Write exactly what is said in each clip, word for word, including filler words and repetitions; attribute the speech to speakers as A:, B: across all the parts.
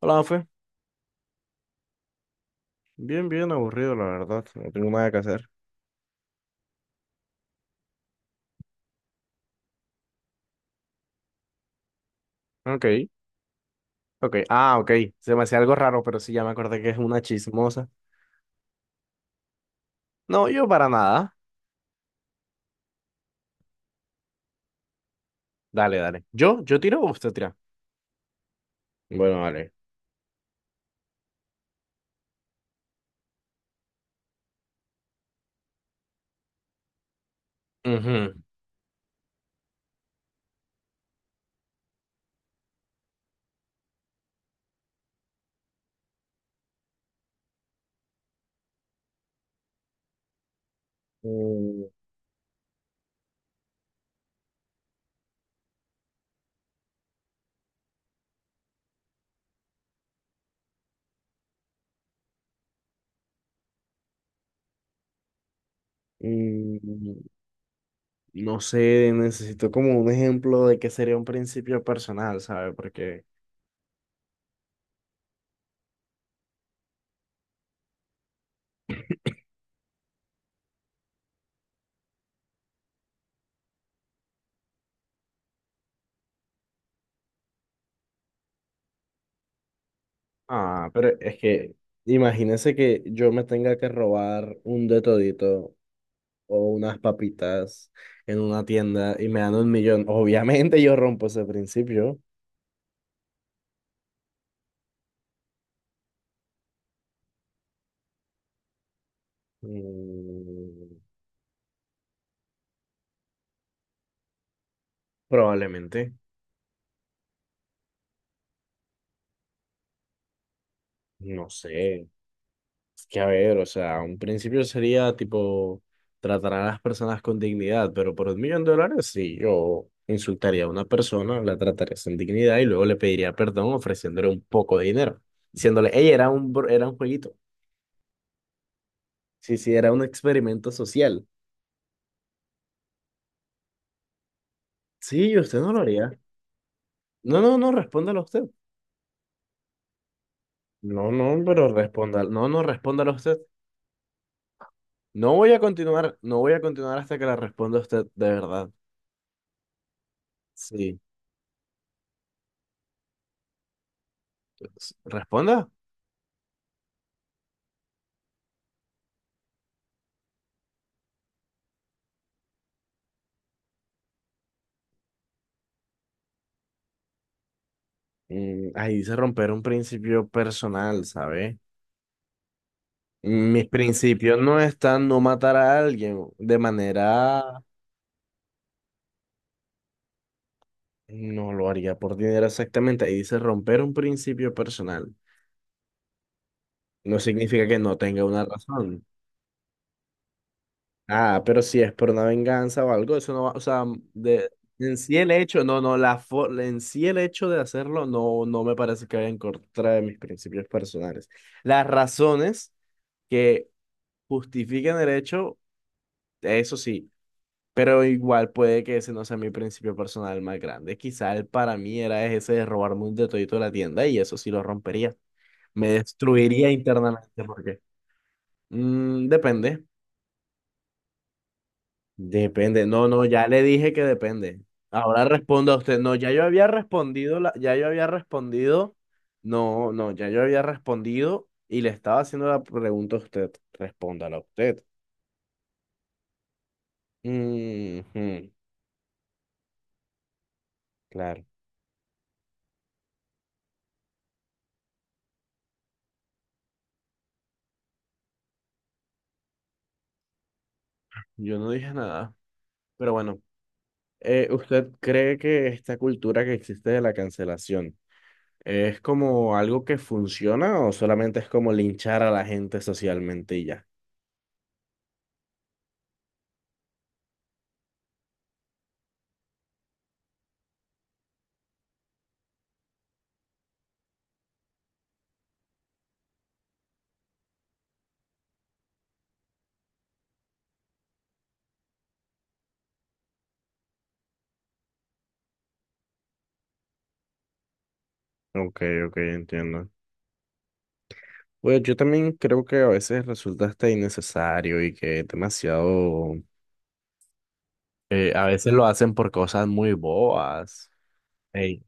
A: Hola, Mafe. Bien, bien aburrido, la verdad. No tengo nada que hacer. Ok, ok. Ah, ok. Se me hacía algo raro, pero sí, ya me acordé que es una chismosa. No, yo para nada. Dale, dale. ¿Yo? ¿Yo tiro o usted tira? Bueno, vale. Ujú. Mm, mm, No sé, necesito como un ejemplo de qué sería un principio personal, ¿sabe? Porque, Ah, pero es que imagínese que yo me tenga que robar un de todito o unas papitas en una tienda y me dan un millón, obviamente yo rompo ese principio. Mm, Probablemente, no sé. Es que a ver, o sea, un principio sería tipo tratar a las personas con dignidad, pero por un millón de dólares sí, yo insultaría a una persona, la trataría sin dignidad y luego le pediría perdón ofreciéndole un poco de dinero, diciéndole, hey, era un, bro- era un jueguito. Sí, sí, era un experimento social. Sí, usted no lo haría. No, no, no, respóndalo usted. No, no, pero responda. No, no, respóndalo usted. No voy a continuar, no voy a continuar hasta que la responda usted, de verdad. Sí. s- Responda. Mm, ahí dice romper un principio personal, ¿sabe? Mm, Mis principios no están no matar a alguien de manera... No lo haría por dinero exactamente. Ahí dice romper un principio personal. No significa que no tenga una razón. Ah, pero si es por una venganza o algo, eso no va, o sea, de, en sí el hecho, no, no, la fo- en sí el hecho de hacerlo no, no me parece que vaya en contra de mis principios personales. Las razones que justifiquen el hecho, eso sí, pero igual puede que ese no sea mi principio personal más grande. Quizá el para mí era ese de robarme un detallito de la tienda y eso sí lo rompería. Me destruiría internamente porque mm, depende. Depende. No, no, ya le dije que depende. Ahora responda a usted. No, ya yo había respondido, la- Ya yo había respondido. No, no, ya yo había respondido y le estaba haciendo la pregunta a usted. Respóndala usted. Ujú, claro. Yo no dije nada. Pero bueno, eh, ¿usted cree que esta cultura que existe de la cancelación es como algo que funciona o solamente es como linchar a la gente socialmente y ya? Ok, ok, entiendo. Bueno, yo también creo que a veces resulta hasta innecesario y que es demasiado, eh, a veces lo hacen por cosas muy bobas e,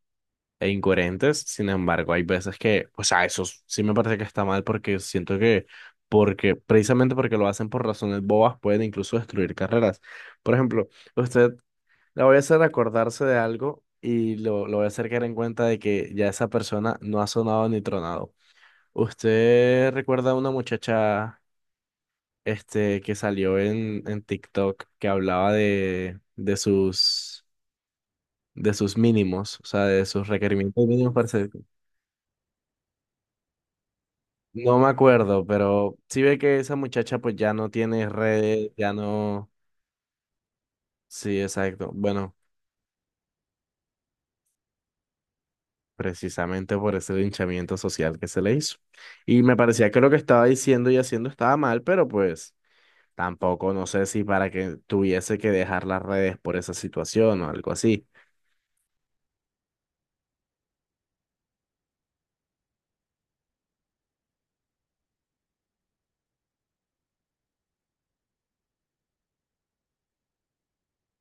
A: e incoherentes. Sin embargo, hay veces que, o sea, eso s- sí me parece que está mal porque siento que, porque precisamente porque lo hacen por razones bobas pueden incluso destruir carreras. Por ejemplo, usted la voy a hacer acordarse de algo y lo, lo voy a hacer caer en cuenta de que ya esa persona no ha sonado ni tronado. ¿Usted recuerda a una muchacha? Este, que salió en, en TikTok que hablaba de, de sus, de sus mínimos, o sea, de sus requerimientos mínimos para ser... No me acuerdo, pero sí ve que esa muchacha pues ya no tiene redes, ya no... Sí, exacto. Bueno, precisamente por ese linchamiento social que se le hizo. Y me parecía que lo que estaba diciendo y haciendo estaba mal, pero pues... Tampoco no sé si para que tuviese que dejar las redes por esa situación o algo así.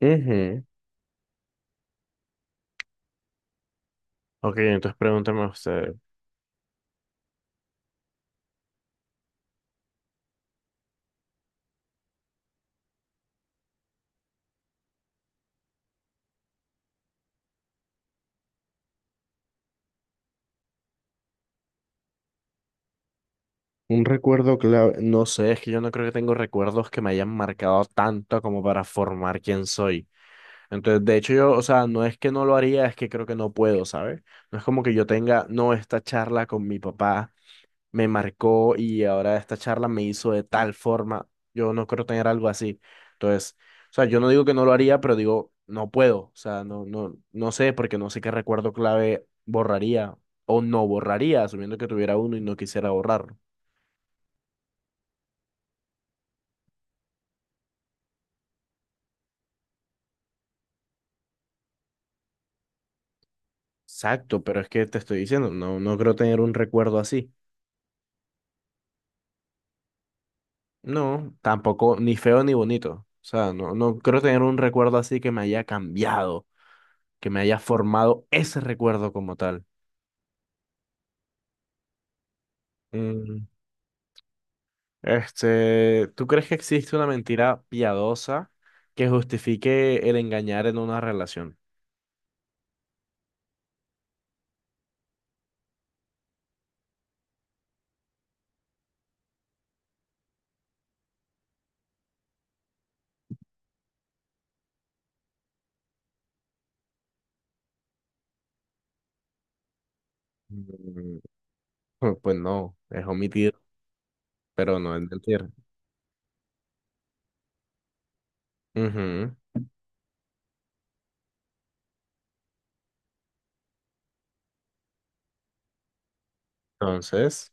A: Ujú. Ok, entonces pregúntame usted. Un recuerdo clave. No sé, es que yo no creo que tengo recuerdos que me hayan marcado tanto como para formar quién soy. Entonces, de hecho, yo, o sea, no es que no lo haría, es que creo que no puedo, ¿sabes? No es como que yo tenga, no, esta charla con mi papá me marcó y ahora esta charla me hizo de tal forma, yo no creo tener algo así. Entonces, o sea, yo no digo que no lo haría, pero digo, no puedo, o sea, no, no, no sé, porque no sé qué recuerdo clave borraría o no borraría, asumiendo que tuviera uno y no quisiera borrarlo. Exacto, pero es que te estoy diciendo, no, no creo tener un recuerdo así. No, tampoco, ni feo ni bonito. O sea, no, no creo tener un recuerdo así que me haya cambiado, que me haya formado ese recuerdo como tal. Mm, Este, ¿tú crees que existe una mentira piadosa que justifique el engañar en una relación? Mm, Pues pues no, es omitir, pero no es mentir. Ujú. Entonces,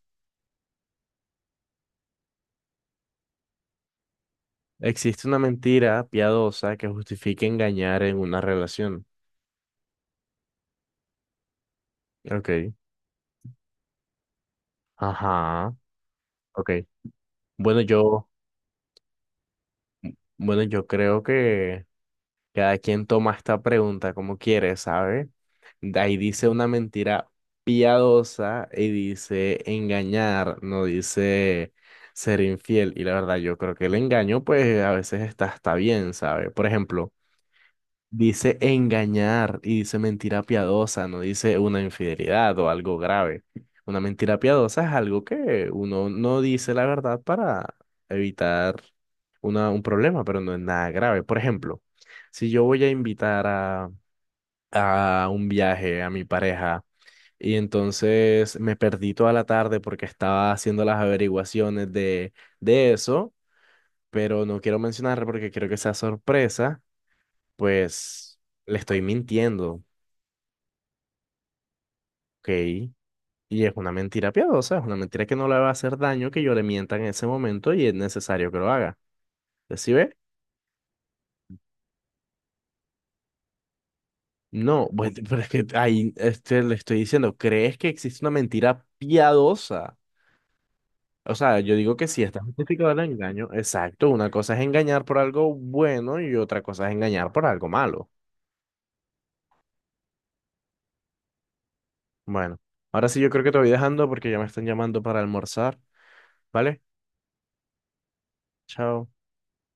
A: existe una mentira piadosa que justifique engañar en una relación. Ok. Ajá. Ok. Bueno, yo, bueno, yo creo que cada quien toma esta pregunta como quiere, ¿sabe? De ahí dice una mentira piadosa y dice engañar, no dice ser infiel. Y la verdad, yo creo que el engaño, pues a veces está, está bien, ¿sabe? Por ejemplo, dice engañar y dice mentira piadosa, no dice una infidelidad o algo grave. Una mentira piadosa es algo que uno no dice la verdad para evitar una, un problema, pero no es nada grave. Por ejemplo, si yo voy a invitar a, a un viaje a mi pareja y entonces me perdí toda la tarde porque estaba haciendo las averiguaciones de, de eso, pero no quiero mencionar porque quiero que sea sorpresa pues le estoy mintiendo, ¿ok? Y es una mentira piadosa, es una mentira que no le va a hacer daño que yo le mienta en ese momento y es necesario que lo haga. ¿Sí ve? No, bueno, pero es que ahí este, le estoy diciendo, ¿crees que existe una mentira piadosa? O sea, yo digo que sí, está justificado el engaño. Exacto, una cosa es engañar por algo bueno y otra cosa es engañar por algo malo. Bueno, ahora sí yo creo que te voy dejando porque ya me están llamando para almorzar, ¿vale? Chao.